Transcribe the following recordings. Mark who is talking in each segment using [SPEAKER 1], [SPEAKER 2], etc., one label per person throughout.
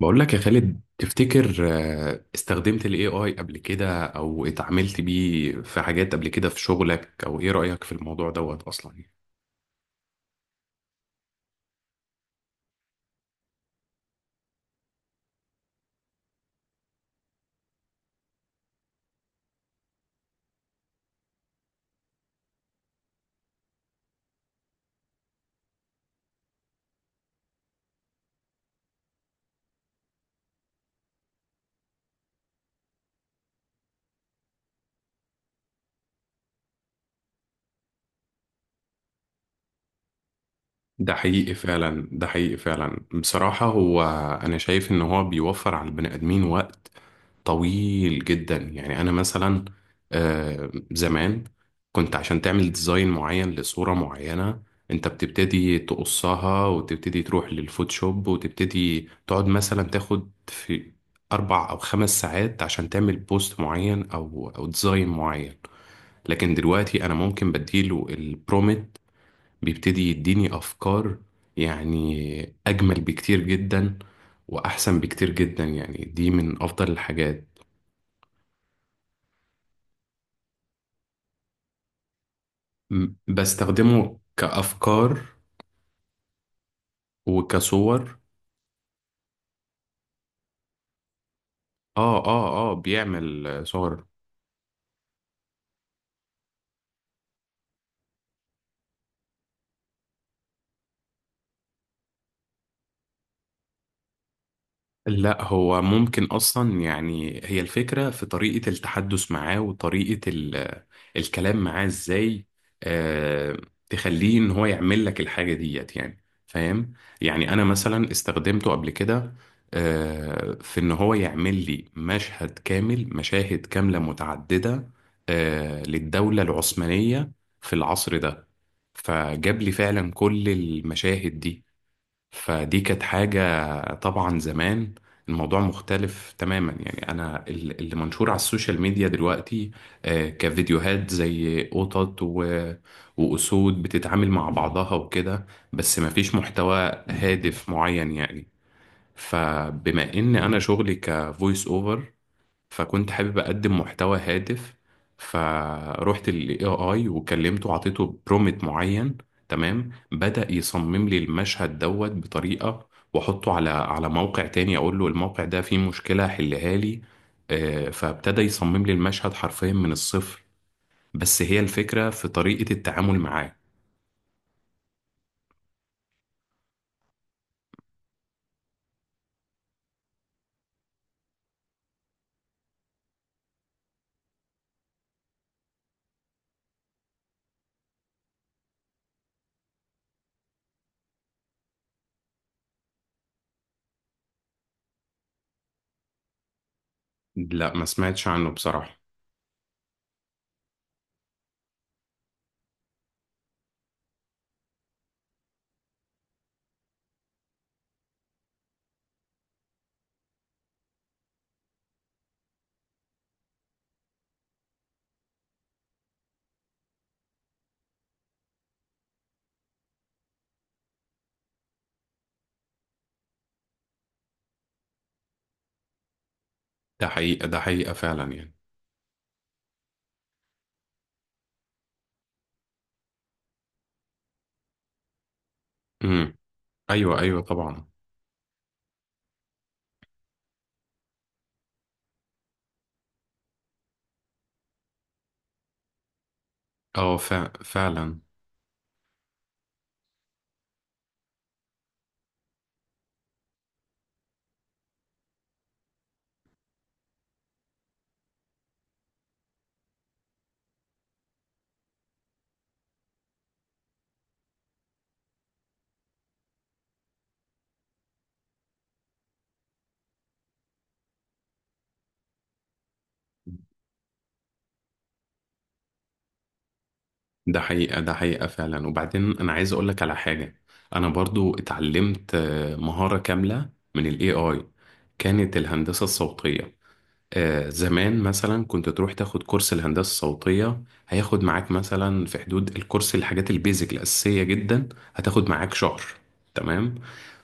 [SPEAKER 1] بقول لك يا خالد، تفتكر استخدمت ال AI قبل كده او اتعاملت بيه في حاجات قبل كده في شغلك؟ او ايه رأيك في الموضوع دوت اصلا؟ ده حقيقي فعلا. بصراحة هو، انا شايف ان هو بيوفر على البني ادمين وقت طويل جدا. يعني انا مثلا زمان كنت، عشان تعمل ديزاين معين لصورة معينة، انت بتبتدي تقصها وتبتدي تروح للفوتوشوب وتبتدي تقعد مثلا تاخد في 4 او 5 ساعات عشان تعمل بوست معين او ديزاين معين. لكن دلوقتي انا ممكن بديله البرومت، بيبتدي يديني افكار يعني اجمل بكتير جدا واحسن بكتير جدا. يعني دي من افضل الحاجات. بستخدمه كأفكار وكصور. اه، اه، اه، بيعمل صور. لا، هو ممكن اصلا، يعني هي الفكره في طريقه التحدث معاه وطريقه الكلام معاه ازاي. آه تخليه ان هو يعمل لك الحاجه ديت، يعني فاهم. يعني انا مثلا استخدمته قبل كده في ان هو يعمل لي مشهد كامل، مشاهد كامله متعدده للدوله العثمانيه في العصر ده. فجاب لي فعلا كل المشاهد دي. فدي كانت حاجة طبعا زمان. الموضوع مختلف تماما. يعني أنا اللي منشور على السوشيال ميديا دلوقتي كفيديوهات زي قطط وأسود بتتعامل مع بعضها وكده، بس مفيش محتوى هادف معين يعني. فبما إن أنا شغلي كفويس أوفر، فكنت حابب اقدم محتوى هادف. فروحت للاي اي وكلمته وعطيته برومت معين، تمام. بدأ يصمم لي المشهد دوت بطريقة، واحطه على على موقع تاني، اقول له الموقع ده فيه مشكلة حلها لي. فابتدى يصمم لي المشهد حرفيا من الصفر. بس هي الفكرة في طريقة التعامل معاه. لا، ما سمعتش عنه بصراحة. ده حقيقة، ده حقيقة فعلا يعني. امم ايوه ايوه طبعا. اه، فعلا. ده حقيقة فعلا وبعدين، أنا عايز أقولك على حاجة. أنا برضو اتعلمت مهارة كاملة من ال AI، كانت الهندسة الصوتية. زمان مثلا كنت تروح تاخد كورس الهندسة الصوتية، هياخد معاك مثلا في حدود الكورس الحاجات البيزك الأساسية جدا. هتاخد معاك شهر، تمام.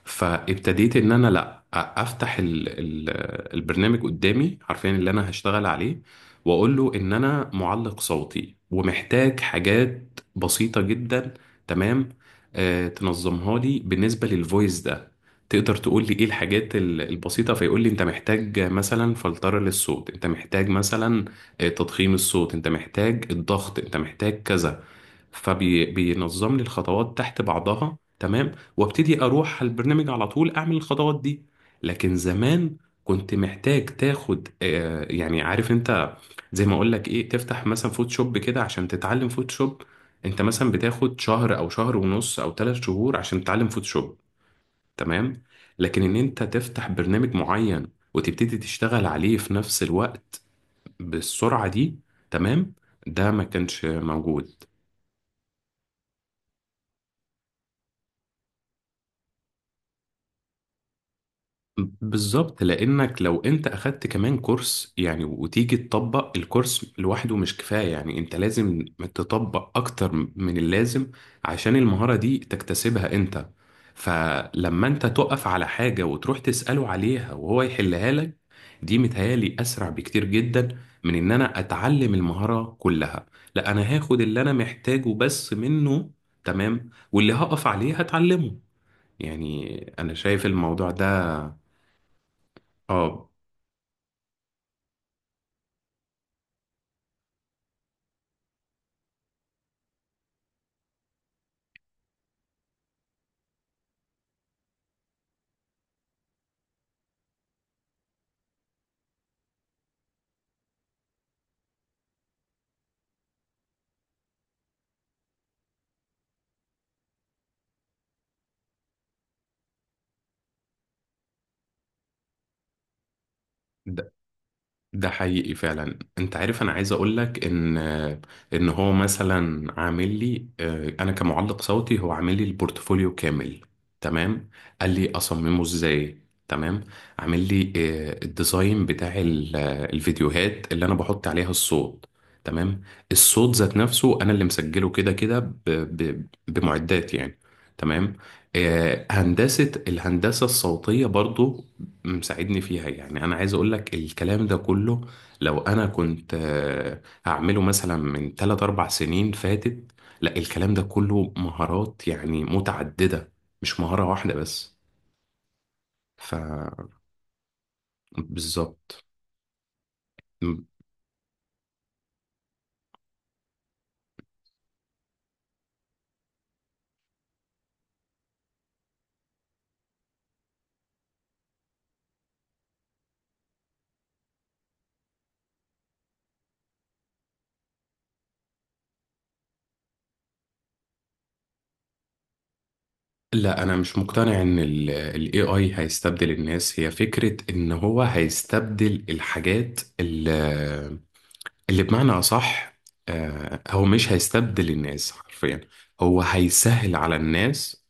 [SPEAKER 1] فابتديت ان انا لا افتح ال البرنامج قدامي، عارفين اللي انا هشتغل عليه. واقول له ان انا معلق صوتي ومحتاج حاجات بسيطة جدا، تمام. تنظمها لي بالنسبة للفويس ده. تقدر تقول لي ايه الحاجات البسيطة؟ فيقول لي انت محتاج مثلا فلترة للصوت، انت محتاج مثلا تضخيم الصوت، انت محتاج الضغط، انت محتاج كذا. فبينظم لي الخطوات تحت بعضها، تمام. وابتدي اروح على البرنامج على طول اعمل الخطوات دي. لكن زمان، كنت محتاج تاخد يعني عارف انت، زي ما اقول لك ايه، تفتح مثلا فوتوشوب كده عشان تتعلم فوتوشوب، انت مثلا بتاخد شهر او شهر ونص او 3 شهور عشان تتعلم فوتوشوب، تمام. لكن ان انت تفتح برنامج معين وتبتدي تشتغل عليه في نفس الوقت بالسرعة دي، تمام، ده ما كانش موجود. بالظبط، لانك لو انت اخدت كمان كورس يعني وتيجي تطبق الكورس لوحده، مش كفاية. يعني انت لازم تطبق اكتر من اللازم عشان المهارة دي تكتسبها انت. فلما انت تقف على حاجة وتروح تسأله عليها وهو يحلها لك، دي متهيالي اسرع بكتير جدا من ان انا اتعلم المهارة كلها. لا، انا هاخد اللي انا محتاجه بس منه، تمام. واللي هقف عليه هتعلمه. يعني انا شايف الموضوع ده. اه. ده, ده حقيقي فعلا. انت عارف انا عايز اقول لك ان، ان هو مثلا عامل لي انا كمعلق صوتي، هو عامل لي البورتفوليو كامل، تمام. قال لي اصممه ازاي، تمام. عامل لي الديزاين بتاع الفيديوهات اللي انا بحط عليها الصوت، تمام. الصوت ذات نفسه انا اللي مسجله، كده كده بمعدات يعني، تمام. آه، هندسة الهندسة الصوتية برضو مساعدني فيها. يعني انا عايز اقول لك الكلام ده كله، لو انا كنت هعمله مثلا من 3 4 سنين فاتت، لا، الكلام ده كله مهارات يعني متعددة، مش مهارة واحدة بس. ف بالظبط. م- لا، انا مش مقتنع ان الاي اي هيستبدل الناس. هي فكرة ان هو هيستبدل الحاجات اللي بمعنى اصح، هو مش هيستبدل الناس حرفيا، هو هيسهل على الناس.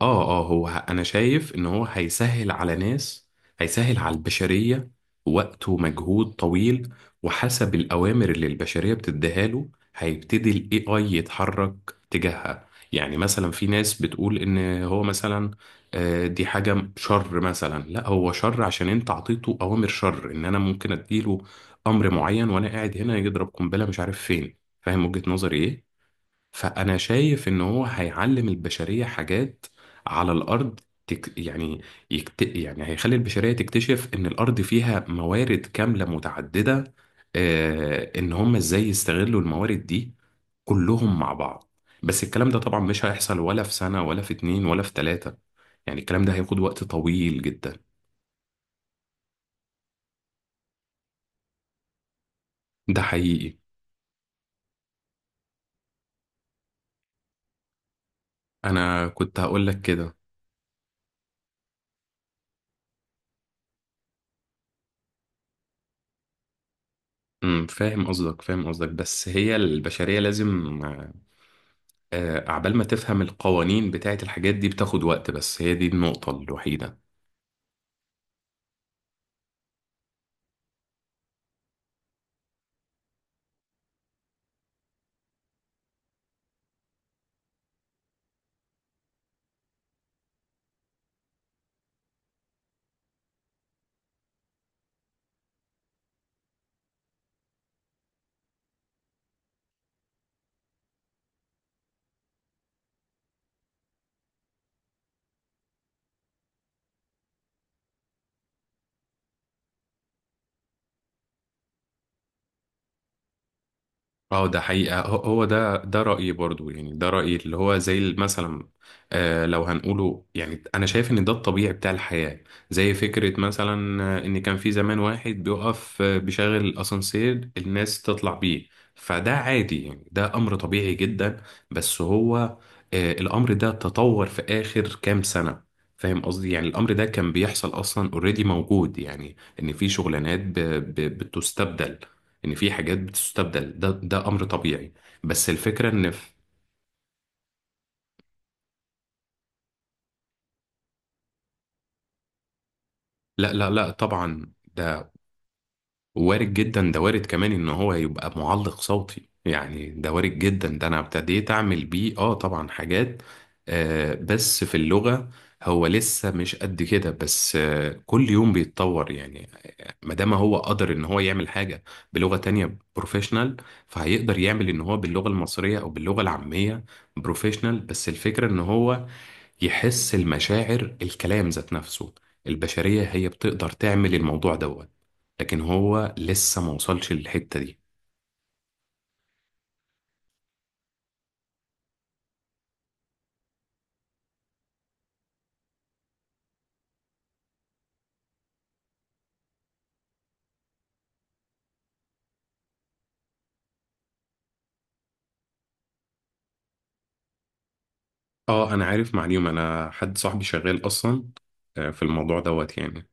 [SPEAKER 1] اه، اه، هو انا شايف ان هو هيسهل على ناس، هيسهل على البشرية وقت ومجهود طويل. وحسب الأوامر اللي البشرية بتديها له، هيبتدي ال AI يتحرك تجاهها. يعني مثلا في ناس بتقول إن هو مثلا دي حاجة شر، مثلا لا، هو شر عشان أنت عطيته أوامر شر. إن أنا ممكن أديله أمر معين وأنا قاعد هنا، يضرب قنبلة مش عارف فين. فاهم وجهة نظري إيه؟ فأنا شايف إن هو هيعلم البشرية حاجات على الأرض. يعني، يعني هيخلي البشرية تكتشف إن الأرض فيها موارد كاملة متعددة، إن هم إزاي يستغلوا الموارد دي كلهم مع بعض. بس الكلام ده طبعا مش هيحصل ولا في سنة ولا في اتنين ولا في تلاتة. يعني الكلام ده هياخد وقت طويل جدا. ده حقيقي. أنا كنت هقول لك كده. فاهم قصدك، فاهم قصدك، بس هي البشرية لازم عبال ما تفهم القوانين بتاعت الحاجات دي بتاخد وقت. بس هي دي النقطة الوحيدة. اه، ده حقيقة. هو هو ده رأيي برضو، يعني ده رأيي اللي هو زي مثلا لو هنقوله، يعني أنا شايف إن ده الطبيعي بتاع الحياة. زي فكرة مثلا إن كان في زمان واحد بيقف بيشغل الأسانسير، الناس تطلع بيه. فده عادي يعني، ده أمر طبيعي جدا. بس هو الأمر ده تطور في آخر كام سنة. فاهم قصدي. يعني الأمر ده كان بيحصل أصلا اوريدي موجود. يعني إن في شغلانات بتستبدل، ان في حاجات بتستبدل، ده امر طبيعي. بس الفكره ان في. لا لا لا طبعا، ده وارد جدا. ده وارد كمان ان هو يبقى معلق صوتي، يعني ده وارد جدا. ده انا ابتديت اعمل بيه. اه طبعا، حاجات بس في اللغه، هو لسه مش قد كده. بس كل يوم بيتطور يعني. ما دام هو قدر ان هو يعمل حاجه بلغه تانية بروفيشنال، فهيقدر يعمل ان هو باللغه المصريه او باللغه العاميه بروفيشنال. بس الفكره ان هو يحس المشاعر، الكلام ذات نفسه البشرية هي بتقدر تعمل الموضوع دوت، لكن هو لسه ما وصلش للحتة دي. اه، انا عارف معلومة. انا حد صاحبي شغال اصلا في الموضوع دوت يعني.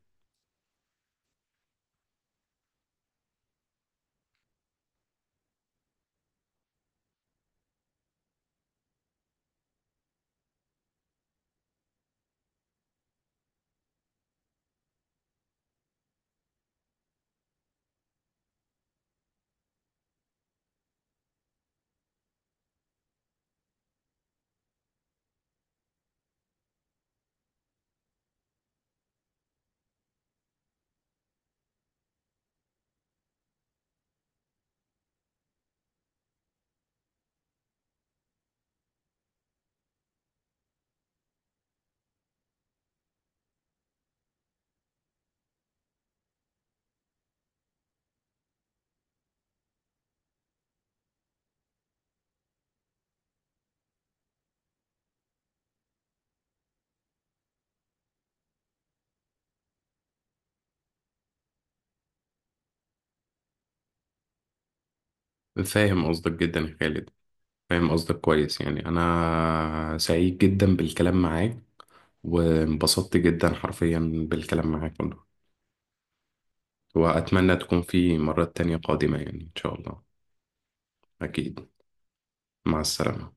[SPEAKER 1] فاهم قصدك جدا يا خالد، فاهم قصدك كويس. يعني انا سعيد جدا بالكلام معاك وانبسطت جدا حرفيا بالكلام معاك والله. واتمنى تكون في مرات تانية قادمة يعني ان شاء الله. اكيد. مع السلامة.